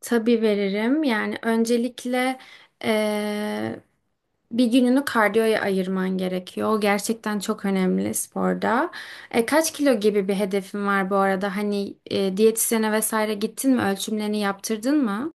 Tabii veririm. Yani öncelikle eee, bir gününü kardiyoya ayırman gerekiyor. O gerçekten çok önemli sporda. Kaç kilo gibi bir hedefin var bu arada? Hani diyetisyene vesaire gittin mi? Ölçümlerini yaptırdın mı?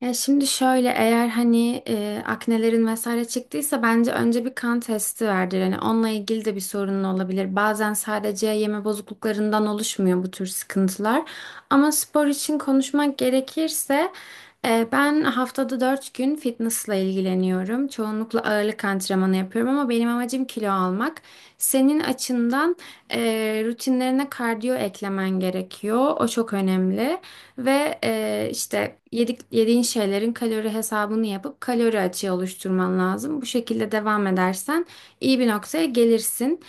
Ya şimdi şöyle, eğer hani aknelerin vesaire çıktıysa bence önce bir kan testi verdir. Hani onunla ilgili de bir sorunun olabilir. Bazen sadece yeme bozukluklarından oluşmuyor bu tür sıkıntılar. Ama spor için konuşmak gerekirse ben haftada 4 gün fitnessla ilgileniyorum. Çoğunlukla ağırlık antrenmanı yapıyorum ama benim amacım kilo almak. Senin açından rutinlerine kardiyo eklemen gerekiyor. O çok önemli. Ve işte yediğin şeylerin kalori hesabını yapıp kalori açığı oluşturman lazım. Bu şekilde devam edersen iyi bir noktaya gelirsin.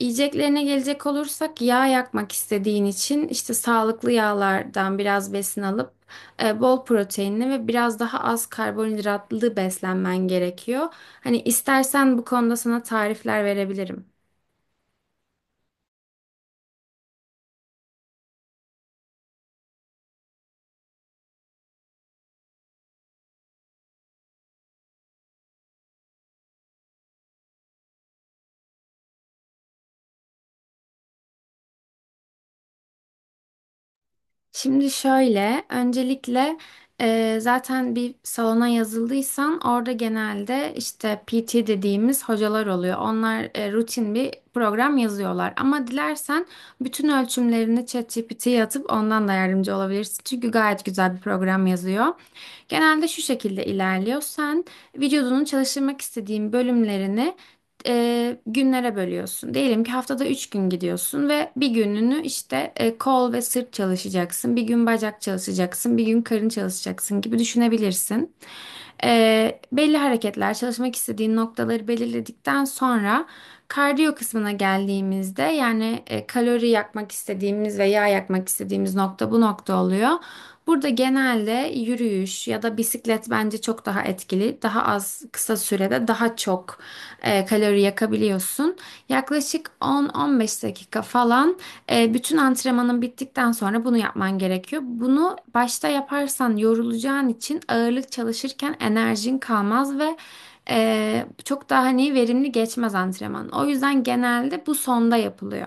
Yiyeceklerine gelecek olursak, yağ yakmak istediğin için işte sağlıklı yağlardan biraz besin alıp bol proteinli ve biraz daha az karbonhidratlı beslenmen gerekiyor. Hani istersen bu konuda sana tarifler verebilirim. Şimdi şöyle, öncelikle zaten bir salona yazıldıysan orada genelde işte PT dediğimiz hocalar oluyor. Onlar rutin bir program yazıyorlar. Ama dilersen bütün ölçümlerini ChatGPT'ye atıp ondan da yardımcı olabilirsin. Çünkü gayet güzel bir program yazıyor. Genelde şu şekilde ilerliyor. Sen vücudunun çalıştırmak istediğin bölümlerini günlere bölüyorsun. Diyelim ki haftada 3 gün gidiyorsun ve bir gününü işte kol ve sırt çalışacaksın. Bir gün bacak çalışacaksın. Bir gün karın çalışacaksın gibi düşünebilirsin. Belli hareketler çalışmak istediğin noktaları belirledikten sonra kardiyo kısmına geldiğimizde yani kalori yakmak istediğimiz ve yağ yakmak istediğimiz nokta bu nokta oluyor. Burada genelde yürüyüş ya da bisiklet bence çok daha etkili. Daha az kısa sürede daha çok kalori yakabiliyorsun. Yaklaşık 10-15 dakika falan bütün antrenmanın bittikten sonra bunu yapman gerekiyor. Bunu başta yaparsan yorulacağın için ağırlık çalışırken enerjin kalmaz ve çok daha hani verimli geçmez antrenman. O yüzden genelde bu sonda yapılıyor.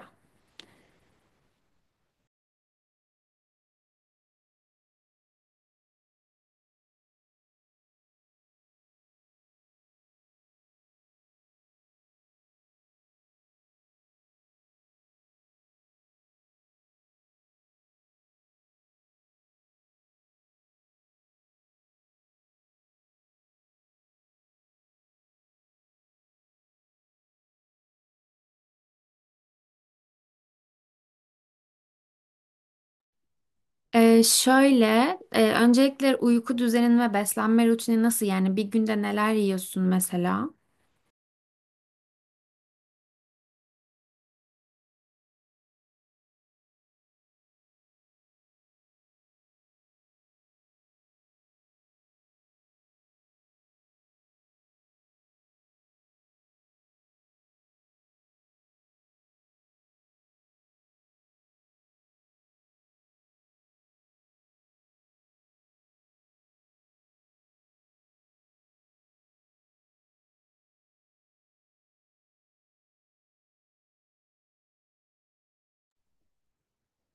Şöyle, öncelikle uyku düzenin ve beslenme rutini nasıl? Yani bir günde neler yiyorsun mesela?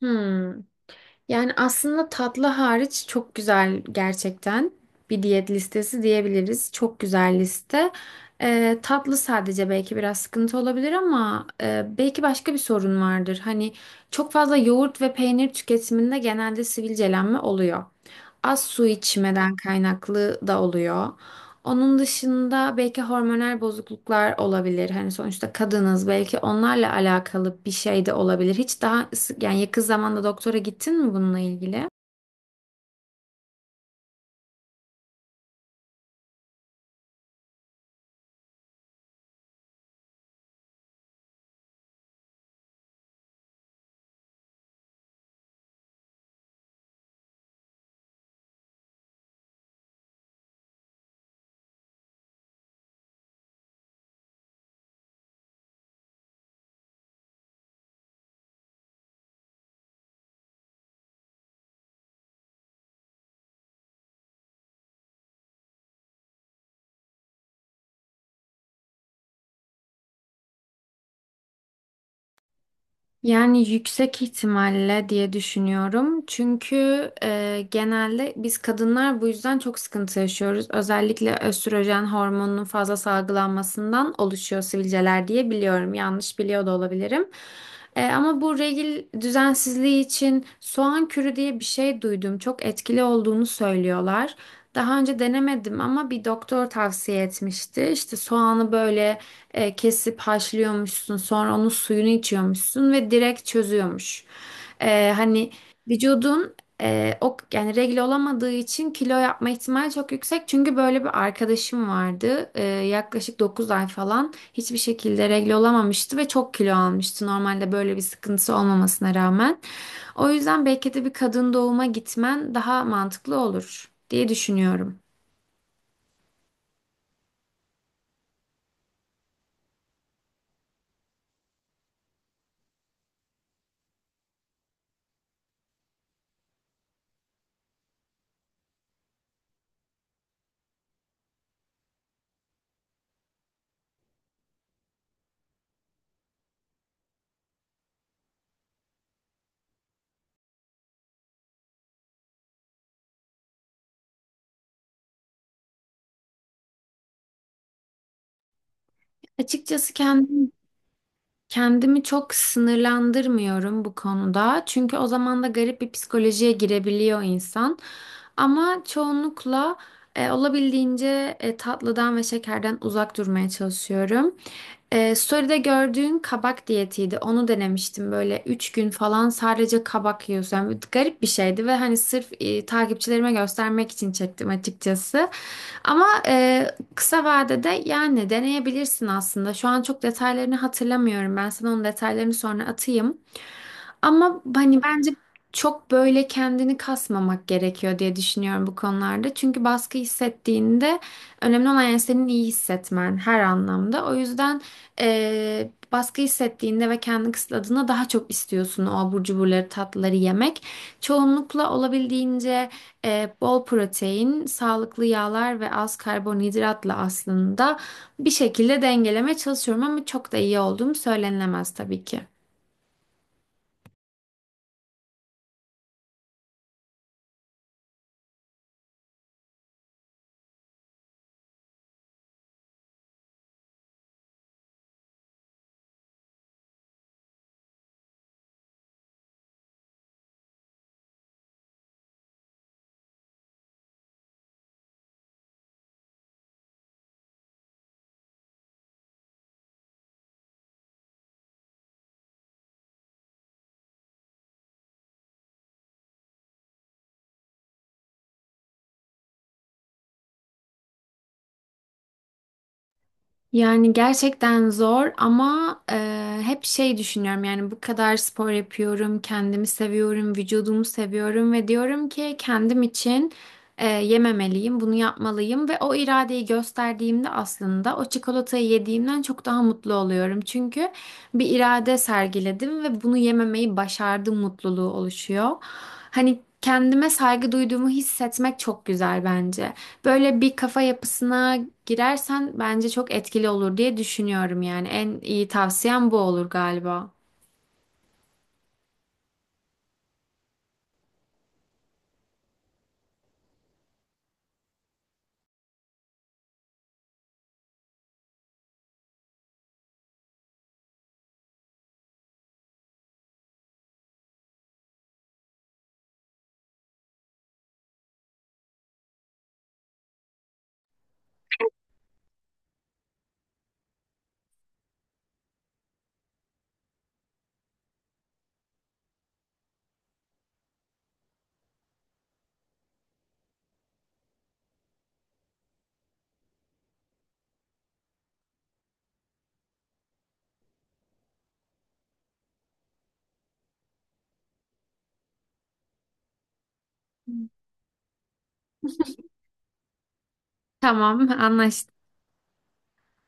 Hmm. Yani aslında tatlı hariç çok güzel gerçekten bir diyet listesi diyebiliriz. Çok güzel liste. Tatlı sadece belki biraz sıkıntı olabilir ama belki başka bir sorun vardır. Hani çok fazla yoğurt ve peynir tüketiminde genelde sivilcelenme oluyor. Az su içmeden kaynaklı da oluyor. Onun dışında belki hormonal bozukluklar olabilir. Hani sonuçta kadınız, belki onlarla alakalı bir şey de olabilir. Hiç daha, yani yakın zamanda doktora gittin mi bununla ilgili? Yani yüksek ihtimalle diye düşünüyorum. Çünkü genelde biz kadınlar bu yüzden çok sıkıntı yaşıyoruz. Özellikle östrojen hormonunun fazla salgılanmasından oluşuyor sivilceler diye biliyorum. Yanlış biliyor da olabilirim. Ama bu regil düzensizliği için soğan kürü diye bir şey duydum. Çok etkili olduğunu söylüyorlar. Daha önce denemedim ama bir doktor tavsiye etmişti. İşte soğanı böyle kesip haşlıyormuşsun, sonra onun suyunu içiyormuşsun ve direkt çözüyormuş. Hani vücudun o yani regle olamadığı için kilo yapma ihtimali çok yüksek. Çünkü böyle bir arkadaşım vardı. Yaklaşık 9 ay falan hiçbir şekilde regle olamamıştı ve çok kilo almıştı. Normalde böyle bir sıkıntısı olmamasına rağmen. O yüzden belki de bir kadın doğuma gitmen daha mantıklı olur diye düşünüyorum. Açıkçası kendimi çok sınırlandırmıyorum bu konuda. Çünkü o zaman da garip bir psikolojiye girebiliyor insan. Ama çoğunlukla olabildiğince tatlıdan ve şekerden uzak durmaya çalışıyorum. Story'de gördüğün kabak diyetiydi. Onu denemiştim, böyle 3 gün falan sadece kabak yiyorsun. Yani garip bir şeydi ve hani sırf takipçilerime göstermek için çektim açıkçası. Ama kısa vadede yani deneyebilirsin aslında. Şu an çok detaylarını hatırlamıyorum. Ben sana onun detaylarını sonra atayım. Ama hani bence çok böyle kendini kasmamak gerekiyor diye düşünüyorum bu konularda. Çünkü baskı hissettiğinde önemli olan yani senin iyi hissetmen her anlamda. O yüzden baskı hissettiğinde ve kendini kısıtladığında daha çok istiyorsun o abur cuburları, tatlıları yemek. Çoğunlukla olabildiğince bol protein, sağlıklı yağlar ve az karbonhidratla aslında bir şekilde dengelemeye çalışıyorum ama çok da iyi olduğum söylenilemez tabii ki. Yani gerçekten zor ama hep şey düşünüyorum, yani bu kadar spor yapıyorum, kendimi seviyorum, vücudumu seviyorum ve diyorum ki kendim için yememeliyim, bunu yapmalıyım ve o iradeyi gösterdiğimde aslında o çikolatayı yediğimden çok daha mutlu oluyorum. Çünkü bir irade sergiledim ve bunu yememeyi başardım mutluluğu oluşuyor. Hani kendime saygı duyduğumu hissetmek çok güzel bence. Böyle bir kafa yapısına girersen bence çok etkili olur diye düşünüyorum yani. En iyi tavsiyem bu olur galiba. Tamam, anlaştık.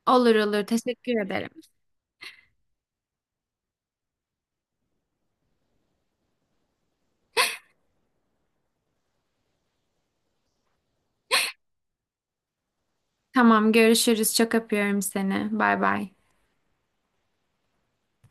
Olur olur. Teşekkür ederim. Tamam, görüşürüz. Çok öpüyorum seni. Bay bay.